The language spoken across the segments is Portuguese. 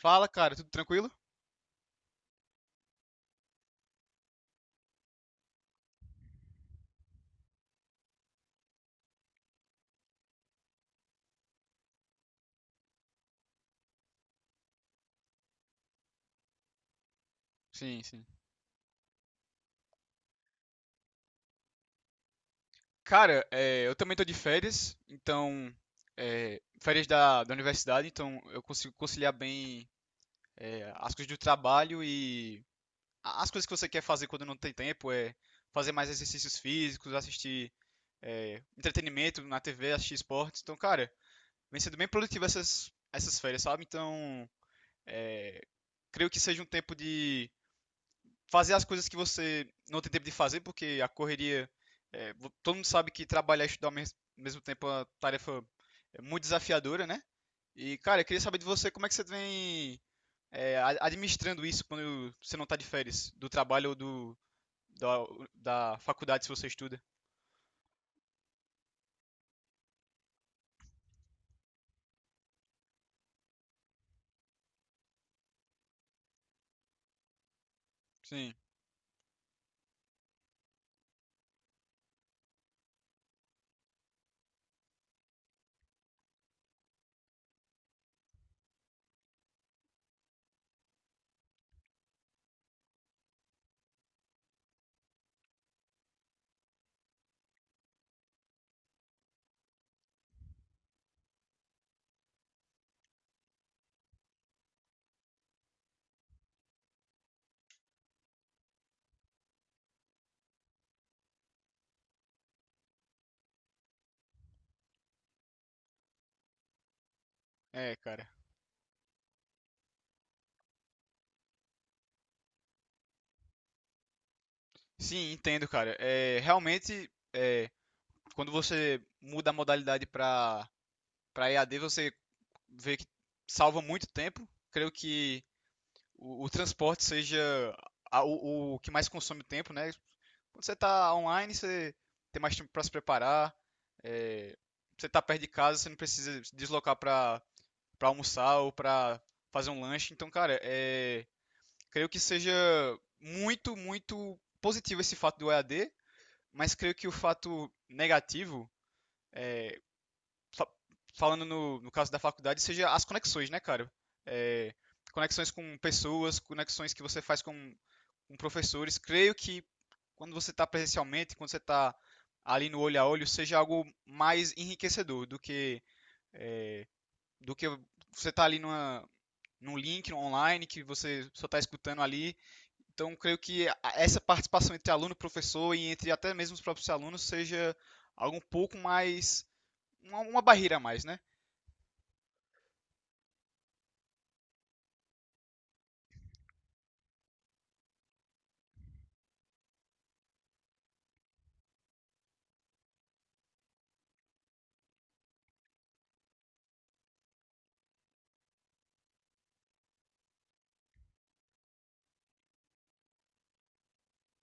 Fala, cara, tudo tranquilo? Sim, sim. Cara, eu também tô de férias, então, férias da universidade, então eu consigo conciliar bem as coisas do trabalho e as coisas que você quer fazer quando não tem tempo, é fazer mais exercícios físicos, assistir entretenimento na TV, assistir esportes. Então, cara, vem sendo bem produtivo essas férias, sabe? Então, creio que seja um tempo fazer as coisas que você não tem tempo de fazer, porque a correria. Todo mundo sabe que trabalhar e estudar ao mesmo tempo é uma tarefa muito desafiadora, né? E, cara, eu queria saber de você como é que você vem administrando isso quando você não está de férias, do trabalho ou da, da faculdade, se você estuda. Sim, é, cara. Sim, entendo, cara. É, realmente, quando você muda a modalidade para E a EAD, você vê que salva muito tempo. Creio que o transporte seja o que mais consome tempo, né? Quando você está online, você tem mais tempo para se preparar. é, você está perto de casa, você não precisa se deslocar para almoçar ou para fazer um lanche. Então, cara, creio que seja muito, muito positivo esse fato do EAD, mas creio que o fato negativo, fa- falando no caso da faculdade, seja as conexões, né, cara? É, conexões com pessoas, conexões que você faz com professores. Creio que quando você está presencialmente, quando você está ali no olho a olho, seja algo mais enriquecedor do que do que você está ali numa, num link online que você só está escutando ali. Então, creio que essa participação entre aluno e professor e entre até mesmo os próprios alunos seja algo um pouco mais. Uma barreira a mais, né?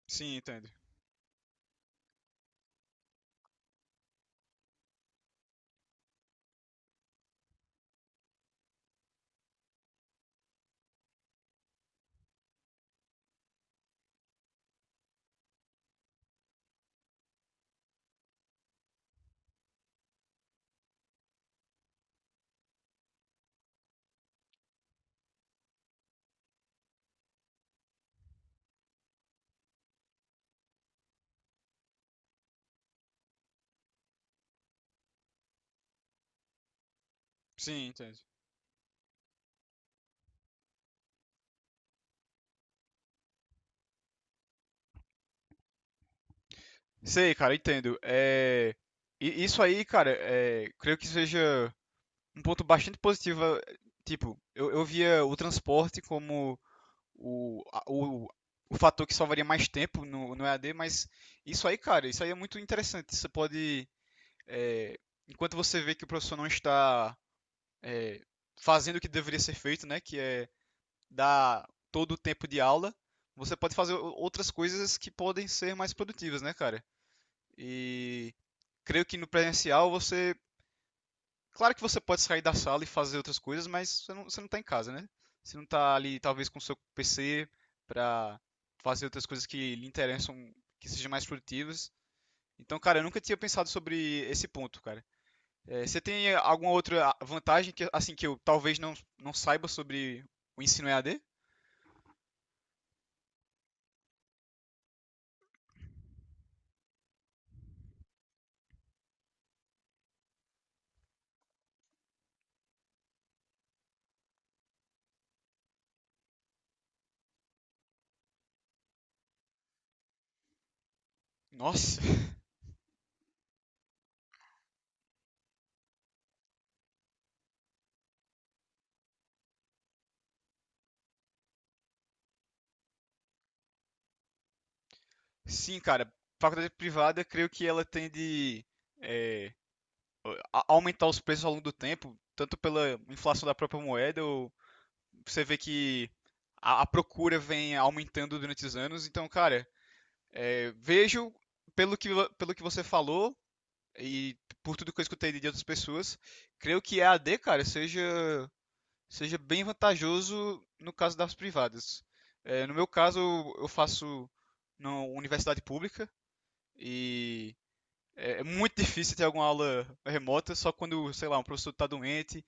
Sim, entendo. Sim, entendo. Sei, cara, entendo. É, e isso aí, cara, creio que seja um ponto bastante positivo. Tipo, eu via o transporte como o, a- o, o fator que salvaria mais tempo no EAD, mas isso aí, cara, isso aí é muito interessante. Você pode, eh, enquanto você vê que o professor não está, eh, fazendo o que deveria ser feito, né, que é dar todo o tempo de aula, você pode fazer outras coisas que podem ser mais produtivas, né, cara? E creio que no presencial você. Claro que você pode sair da sala e fazer outras coisas, mas você não tá em casa, né? Você não tá ali, talvez, com o seu PC pra fazer outras coisas que lhe interessam, que sejam mais produtivas. Então, cara, eu nunca tinha pensado sobre esse ponto, cara. Você tem alguma outra vantagem que, assim, que eu talvez não saiba sobre o ensino EAD? Nossa! Sim, cara. Faculdade privada, creio que ela tende eh, a aumentar os preços ao longo do tempo, tanto pela inflação da própria moeda ou você vê que a procura vem aumentando durante os anos. Então, cara, vejo pelo que, pelo que você falou e por tudo que eu escutei de outras pessoas, creio que EAD, cara, seja bem vantajoso no caso das privadas. É, no meu caso, eu faço na universidade pública e é muito difícil ter alguma aula remota, só quando, sei lá, um professor está doente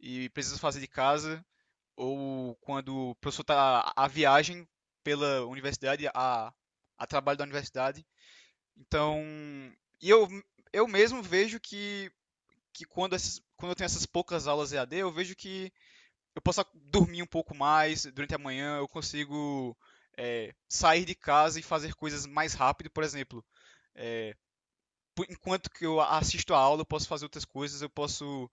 e precisa fazer de casa ou quando o professor está a viagem pela universidade, a trabalho da universidade. Então, e eu mesmo vejo que quando eu tenho essas poucas aulas EAD, eu vejo que eu posso dormir um pouco mais durante a manhã, eu consigo sair de casa e fazer coisas mais rápido, por exemplo. Enquanto que eu assisto a aula, eu posso fazer outras coisas, eu posso,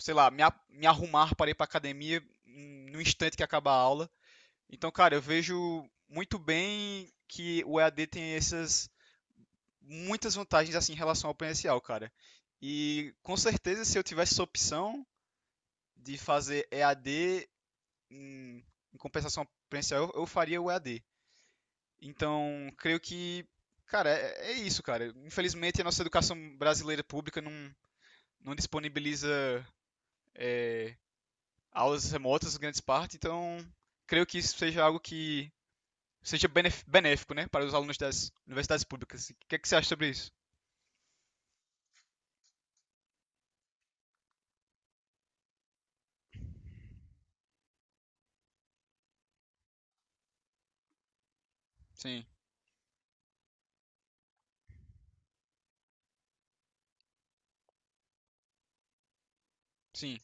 sei lá, me arrumar para ir para a academia no instante que acaba a aula. Então, cara, eu vejo muito bem que o EAD tem essas muitas vantagens assim em relação ao presencial, cara. E com certeza, se eu tivesse essa opção de fazer EAD em, em compensação ao presencial, eu faria o EAD. Então, creio que, cara, é isso, cara. Infelizmente, a nossa educação brasileira pública não disponibiliza aulas remotas, em grande parte, então creio que isso seja algo que seja benéfico, né, para os alunos das universidades públicas. O que é que você acha sobre isso? Sim, sim,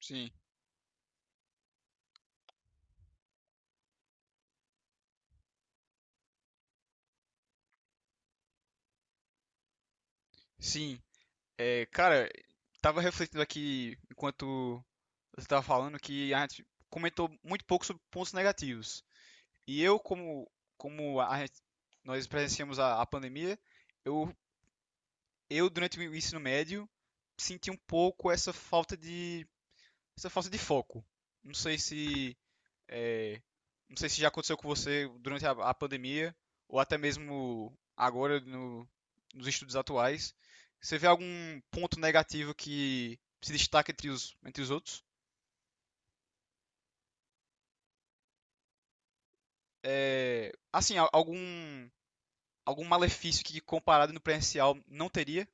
sim, sim. É, cara, tava refletindo aqui enquanto você tava falando que a gente comentou muito pouco sobre pontos negativos. E eu, como, como a gente- nós presenciamos a pandemia, eu, eu durante o ensino médio senti um pouco essa falta de foco. Não sei se é, Não sei se já aconteceu com você durante a pandemia, ou até mesmo agora nos estudos atuais. Você vê algum ponto negativo que se destaca entre os outros? É, assim, algum malefício que comparado no presencial não teria?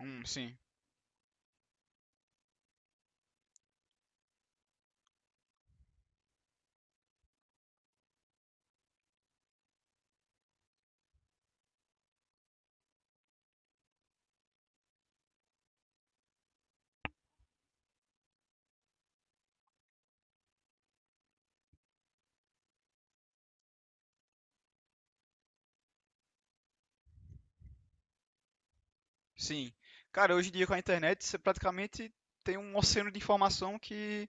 Sim, sim. Cara, hoje em dia com a internet você praticamente tem um oceano de informação que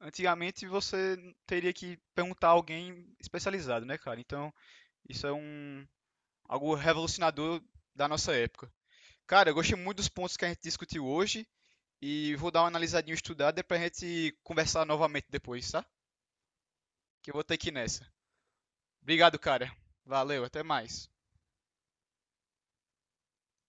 antigamente você teria que perguntar a alguém especializado, né, cara? Então, isso é um, algo revolucionador da nossa época. Cara, eu gostei muito dos pontos que a gente discutiu hoje e vou dar uma analisadinha estudada pra gente conversar novamente depois, tá? Que eu vou ter que ir nessa. Obrigado, cara. Valeu, até mais.